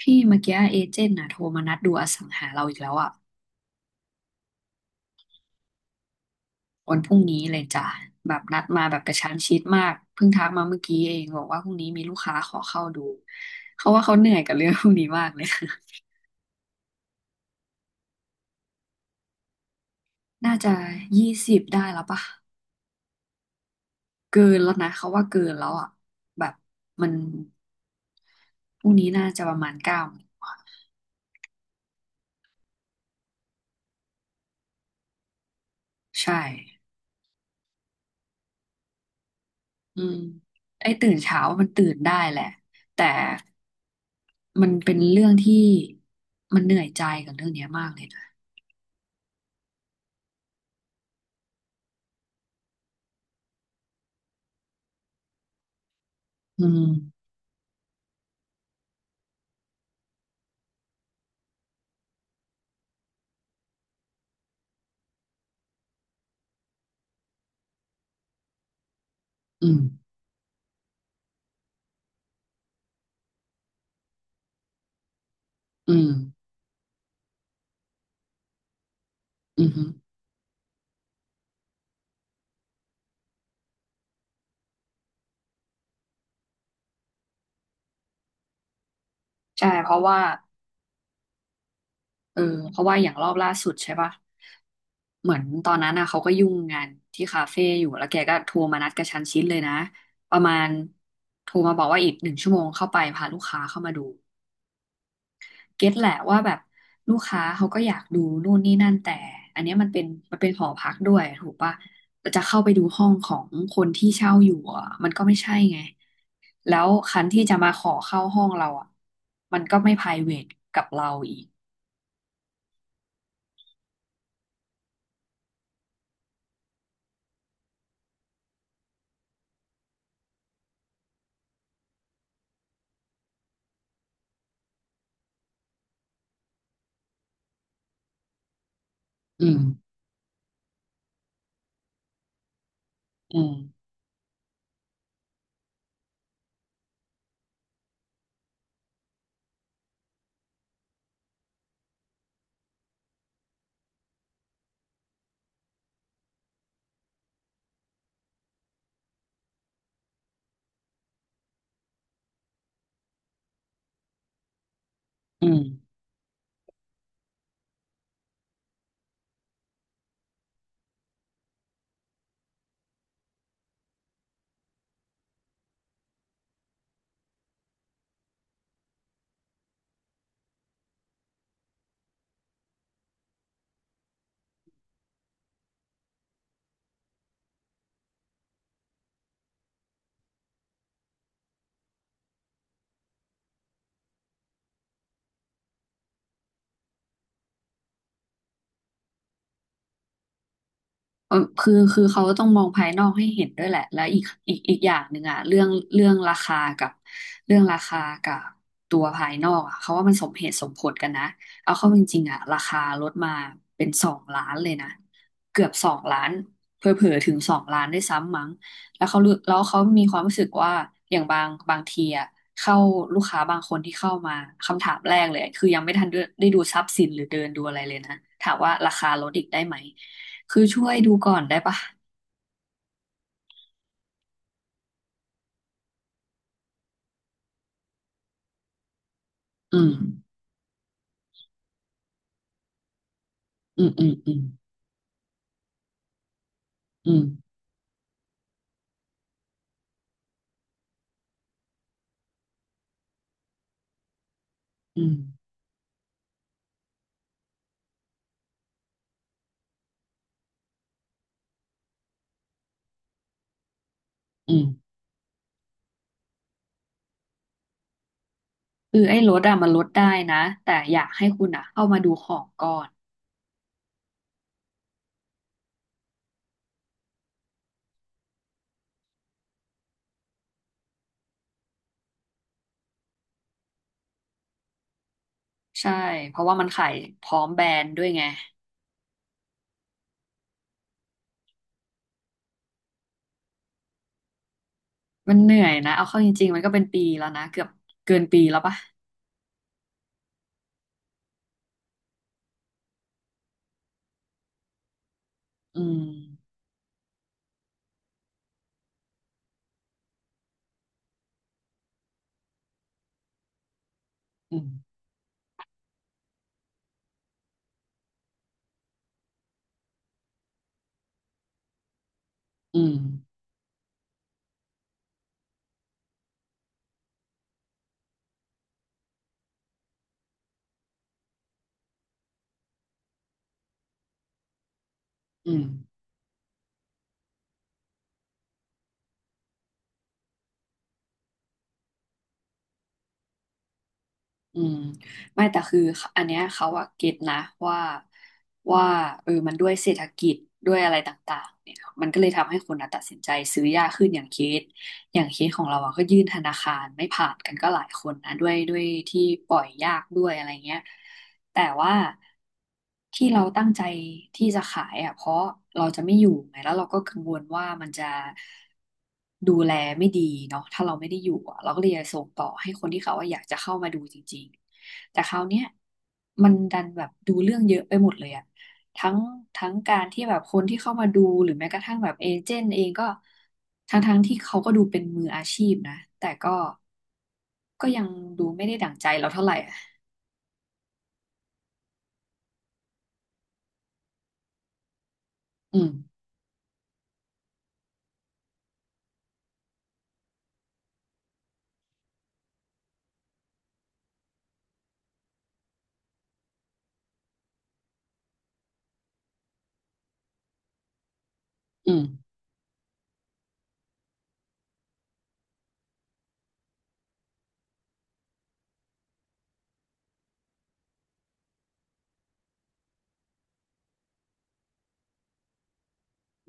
พี่เมื่อกี้เอเจนต์น่ะโทรมานัดดูอสังหาเราอีกแล้วอ่ะวันพรุ่งนี้เลยจ้ะแบบนัดมาแบบกระชั้นชิดมากเพิ่งทักมาเมื่อกี้เองบอกว่าพรุ่งนี้มีลูกค้าขอเข้าดูเขาว่าเขาเหนื่อยกับเรื่องพวกนี้มากเลย น่าจะ20ได้แล้วปะเกินแล้วนะเขาว่าเกินแล้วอ่ะแบบมันพรุ่งนี้น่าจะประมาณ9ใช่อืมไอ้ตื่นเช้ามันตื่นได้แหละแต่มันเป็นเรื่องที่มันเหนื่อยใจกับเรื่องเนี้ยมากเลยนะ อืม อืม อืม อืมฮึใช่ เพราะว่าเออเพราะว่าอย่างรอบล่าสุดใช่ปะ เหมือนตอนนั้นน่ะเขาก็ยุ่งงานที่คาเฟ่อยู่ แล้วแกก็โทรมานัดกระชั้นชิดเลยนะ ประมาณโทรมาบอกว่าอีก1 ชั่วโมงเข้าไปพาลูกค้าเข้ามาดู เก็ตแหละว่าแบบลูกค้าเขาก็อยากดูนู่นนี่นั่นแต่อันเนี้ยมันเป็นมันเป็นหอพักด้วยถูกปะจะเข้าไปดูห้องของคนที่เช่าอยู่อ่ะมันก็ไม่ใช่ไงแล้วคันที่จะมาขอเข้าห้องเราอ่ะมันก็ไม่ private กับเราอีกอืมอืมอืม เออคือเขาต้องมองภายนอกให้เห็นด้วยแหละแลวอีกอย่างหนึ่งอะเรื่องเรื่องราคากับเรื่องราคากับตัวภายนอกอะเขาว่ามันสมเหตุสมผลกันนะเอาเข้าจริงๆอะราคาลดมาเป็นสองล้านเลยนะเกือบสองล้านเผลอๆถึงสองล้านด้วยซ้ำมั้งแล้วเขารู้แล้วเขามีความรู้สึกว่าอย่างบางทีอะเข้าลูกค้าบางคนที่เข้ามาคำถามแรกเลยคือยังไม่ทันได้ดูทรัพย์สินหรือเดินดูอะไรเลยนะถามว่าราคาลดอีกได้ไหม คือช่วยดูก่อนได้ปะอืมอืมอืมอืมอืมอืมอืมคือไอ้ลดอะมันลดได้นะแต่อยากให้คุณอะเข้ามาดูของก่อนใช่เพราะว่ามันขายพร้อมแบรนด์ด้วยไงมันเหนื่อยนะเอาเข้าจริงๆมันก็เป็นปีแล้วนะเกือบเกินปีแล้วปะอืมอืมอืมอืม อืมไม่แต่คืออันเนี้ยเขาอะเก็ตนะว่าว่าเออมันด้วยเศรษฐกิจด้วยอะไรต่างๆเนี่ยมันก็เลยทำให้คนอะตัดสินใจซื้อยากขึ้นอย่างเคสอย่างเคสของเราอะก็ยื่นธนาคารไม่ผ่านกันก็หลายคนนะด้วยที่ปล่อยยากด้วยอะไรเงี้ย แต่ว่าที่เราตั้งใจที่จะขายอ่ะเพราะเราจะไม่อยู่ไงแล้วเราก็กังวลว่ามันจะดูแลไม่ดีเนาะถ้าเราไม่ได้อยู่อ่ะเราก็เลยจะส่งต่อให้คนที่เขาว่าอยากจะเข้ามาดูจริงๆแต่คราวเนี้ยมันดันแบบดูเรื่องเยอะไปหมดเลยอ่ะทั้งทั้งการที่แบบคนที่เข้ามาดูหรือแม้กระทั่งแบบเอเจนต์เองก็ทั้งที่เขาก็ดูเป็นมืออาชีพนะแต่ก็ยังดูไม่ได้ดั่งใจเราเท่าไหร่อ่ะอืมอืม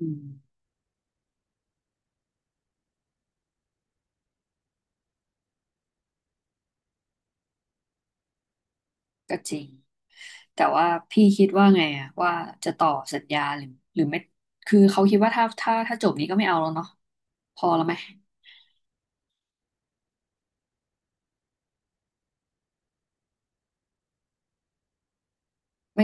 อืมก็จริงแต่ว่าพี่คิดว่าไงอะว่าจะต่อสัญญาหรือหรือไม่คือเขาคิดว่าถ้าจบนี้ก็ไม่เอาแล้วเนาะพอแล้วไหมไม่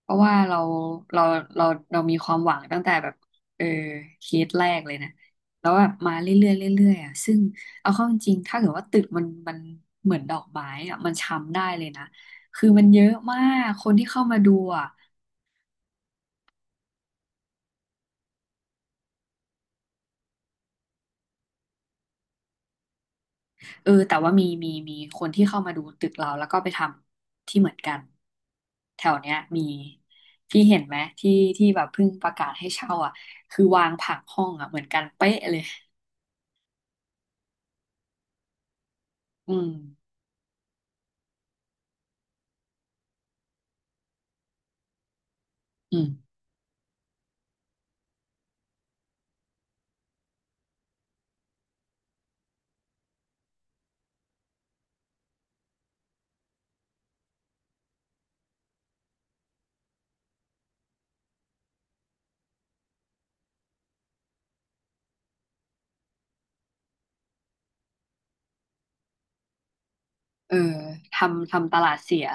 เพราะว่าเราเราเรามีความหวังตั้งแต่แบบเออเคสแรกเลยนะแล้วแบบมาเรื่อยๆเรื่อยๆอ่ะซึ่งเอาเข้าจริงๆถ้าเกิดว่าตึกมันมันเหมือนดอกไม้อ่ะมันช้ำได้เลยนะคือมันเยอะมากคนที่เข้ามาดูอ่ะ เออแต่ว่ามีคนที่เข้ามาดูตึกเราแล้วก็ไปทำที่เหมือนกันแถวเนี้ยมีพี่เห็นไหมที่แบบเพิ่งประกาศให้เช่าอ่ะคือวางผังห้องอ่ะเหมือนกันเป๊ะเลยอืมอืมเออทำทำตลาดเสีย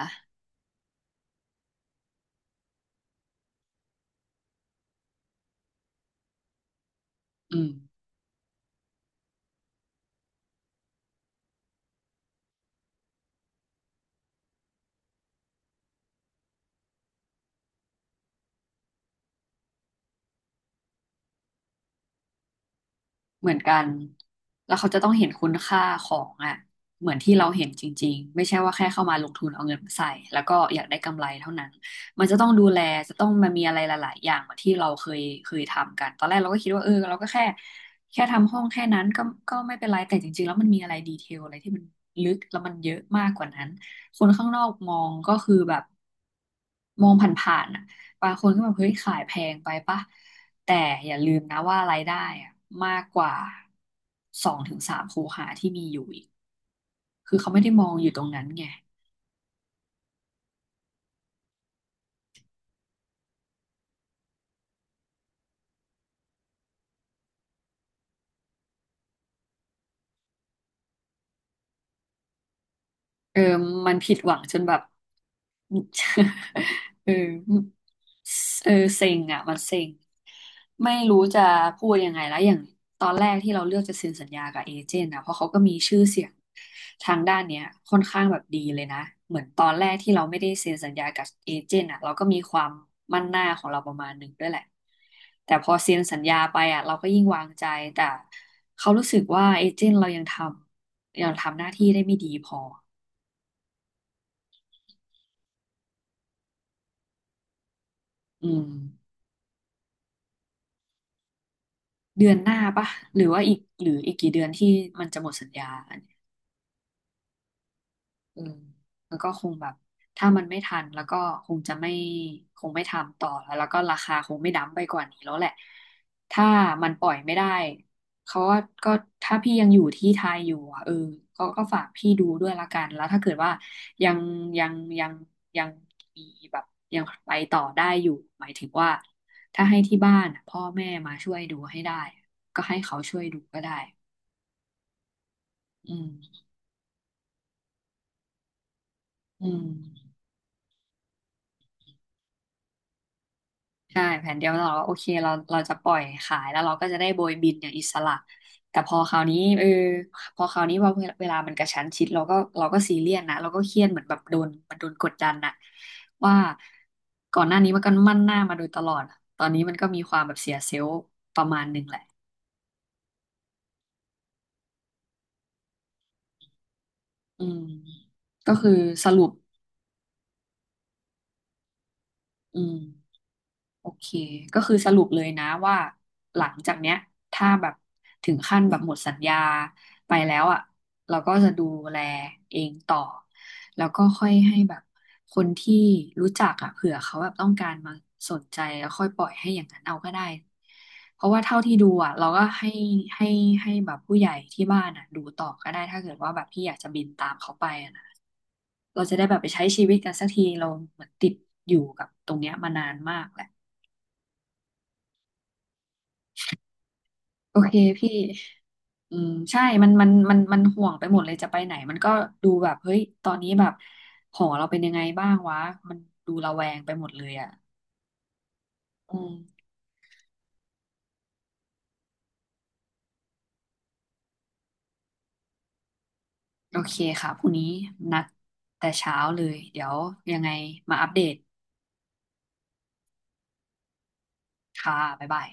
อืม เหมือนกันแล้วเขาจะต้องเห็นคุณค่าของอ่ะเหมือนที่เราเห็นจริงๆไม่ใช่ว่าแค่เข้ามาลงทุนเอาเงินมาใส่แล้วก็อยากได้กำไรเท่านั้นมันจะต้องดูแลจะต้องมันมีอะไรหลายๆอย่างเหมือนที่เราเคยทำกันตอนแรกเราก็คิดว่าเออเราก็แค่แค่ทำห้องแค่นั้นก็ก็ไม่เป็นไรแต่จริงๆแล้วมันมีอะไรดีเทลอะไรที่มันลึกแล้วมันเยอะมากกว่านั้นคนข้างนอกมองก็คือแบบมองผ่านๆอ่ะบางคนก็แบบเฮ้ยขายแพงไปปะ แต่อย่าลืมนะว่ารายได้อะมากกว่า2-3 คูหาที่มีอยู่อีกคือเขาไม่ได้มองอยู่ตรงนั้นไงเออมันผิดหวังจนแบบ เออเออเซ็งอ่ะมันเซ็งไม่รู้จะพูดยังไงแล้วอย่างตอนแรกที่เราเลือกจะเซ็นสัญญากับเอเจนต์นะเพราะเขาก็มีชื่อเสียง ทางด้านเนี้ยค่อนข้างแบบดีเลยนะเหมือนตอนแรกที่เราไม่ได้เซ็นสัญญากับเอเจนต์อ่ะเราก็มีความมั่นหน้าของเราประมาณหนึ่งด้วยแหละแต่พอเซ็นสัญญาไปอ่ะเราก็ยิ่งวางใจแต่เขารู้สึกว่าเอเจนต์เรายังทำหน้าที่ได้ไม่ดีพออืมเดือนหน้าปะหรือว่าอีกกี่เดือนที่มันจะหมดสัญญา อืมแล้วก็คงแบบถ้ามันไม่ทันแล้วก็คงจะไม่คงไม่ทำต่อแล้ว แล้วก็ราคาคงไม่ดั้มไปกว่านี้แล้วแหละ ถ้ามันปล่อยไม่ได้เขาก็ก็ถ้าพี่ยังอยู่ที่ไทยอยู่อ่ะเออเขาก็ฝากพี่ดูด้วยละกันแล้วถ้าเกิดว่ายังยังยังยังมีแบบยังไปต่อได้อยู่หมายถึงว่าถ้าให้ที่บ้านอะพ่อแม่มาช่วยดูให้ได้ ก็ให้เขาช่วยดูก็ได้อืมอืม ใช่แผนเดียวเราก็โอเคเราจะปล่อยขายแล้วเราก็จะได้โบยบินอย่างอิสระแต่พอคราวนี้เออพอคราวนี้ว่าเวลามันกระชั้นชิดเราก็ซีเรียสนะเราก็เครียดเหมือนแบบโดนกดดันน่ะว่าก่อนหน้านี้มันก็มั่นหน้ามาโดยตลอดตอนนี้มันก็มีความแบบเสียเซลล์ประมาณหนึ่งแหละอืมก็คือสรุปอืม โอเคก็คือสรุปเลยนะว่าหลังจากเนี้ยถ้าแบบถึงขั้นแบบหมดสัญญาไปแล้วอ่ะเราก็จะดูแลเองต่อแล้วก็ค่อยให้แบบคนที่รู้จักอ่ะเผื่อเขาแบบต้องการมาสนใจแล้วค่อยปล่อยให้อย่างนั้นเอาก็ได้เพราะว่าเท่าที่ดูอ่ะเราก็ให้ให้แบบผู้ใหญ่ที่บ้านอ่ะดูต่อก็ได้ถ้าเกิดว่าแบบพี่อยากจะบินตามเขาไปอ่ะนะเราจะได้แบบไปใช้ชีวิตกันสักทีเราเหมือนติดอยู่กับตรงเนี้ยมานานมากแหละ โอเคพี่อืมใช่มันห่วงไปหมดเลยจะไปไหนมันก็ดูแบบเฮ้ยตอนนี้แบบหอเราเป็นยังไงบ้างวะมันดูระแวงไปหมดเลยอ่ะอืมโอเคค่ะพรุ่งนี้นัดแต่เช้าเลยเดี๋ยวยังไงมาอัปเดตค่ะบ๊ายบาย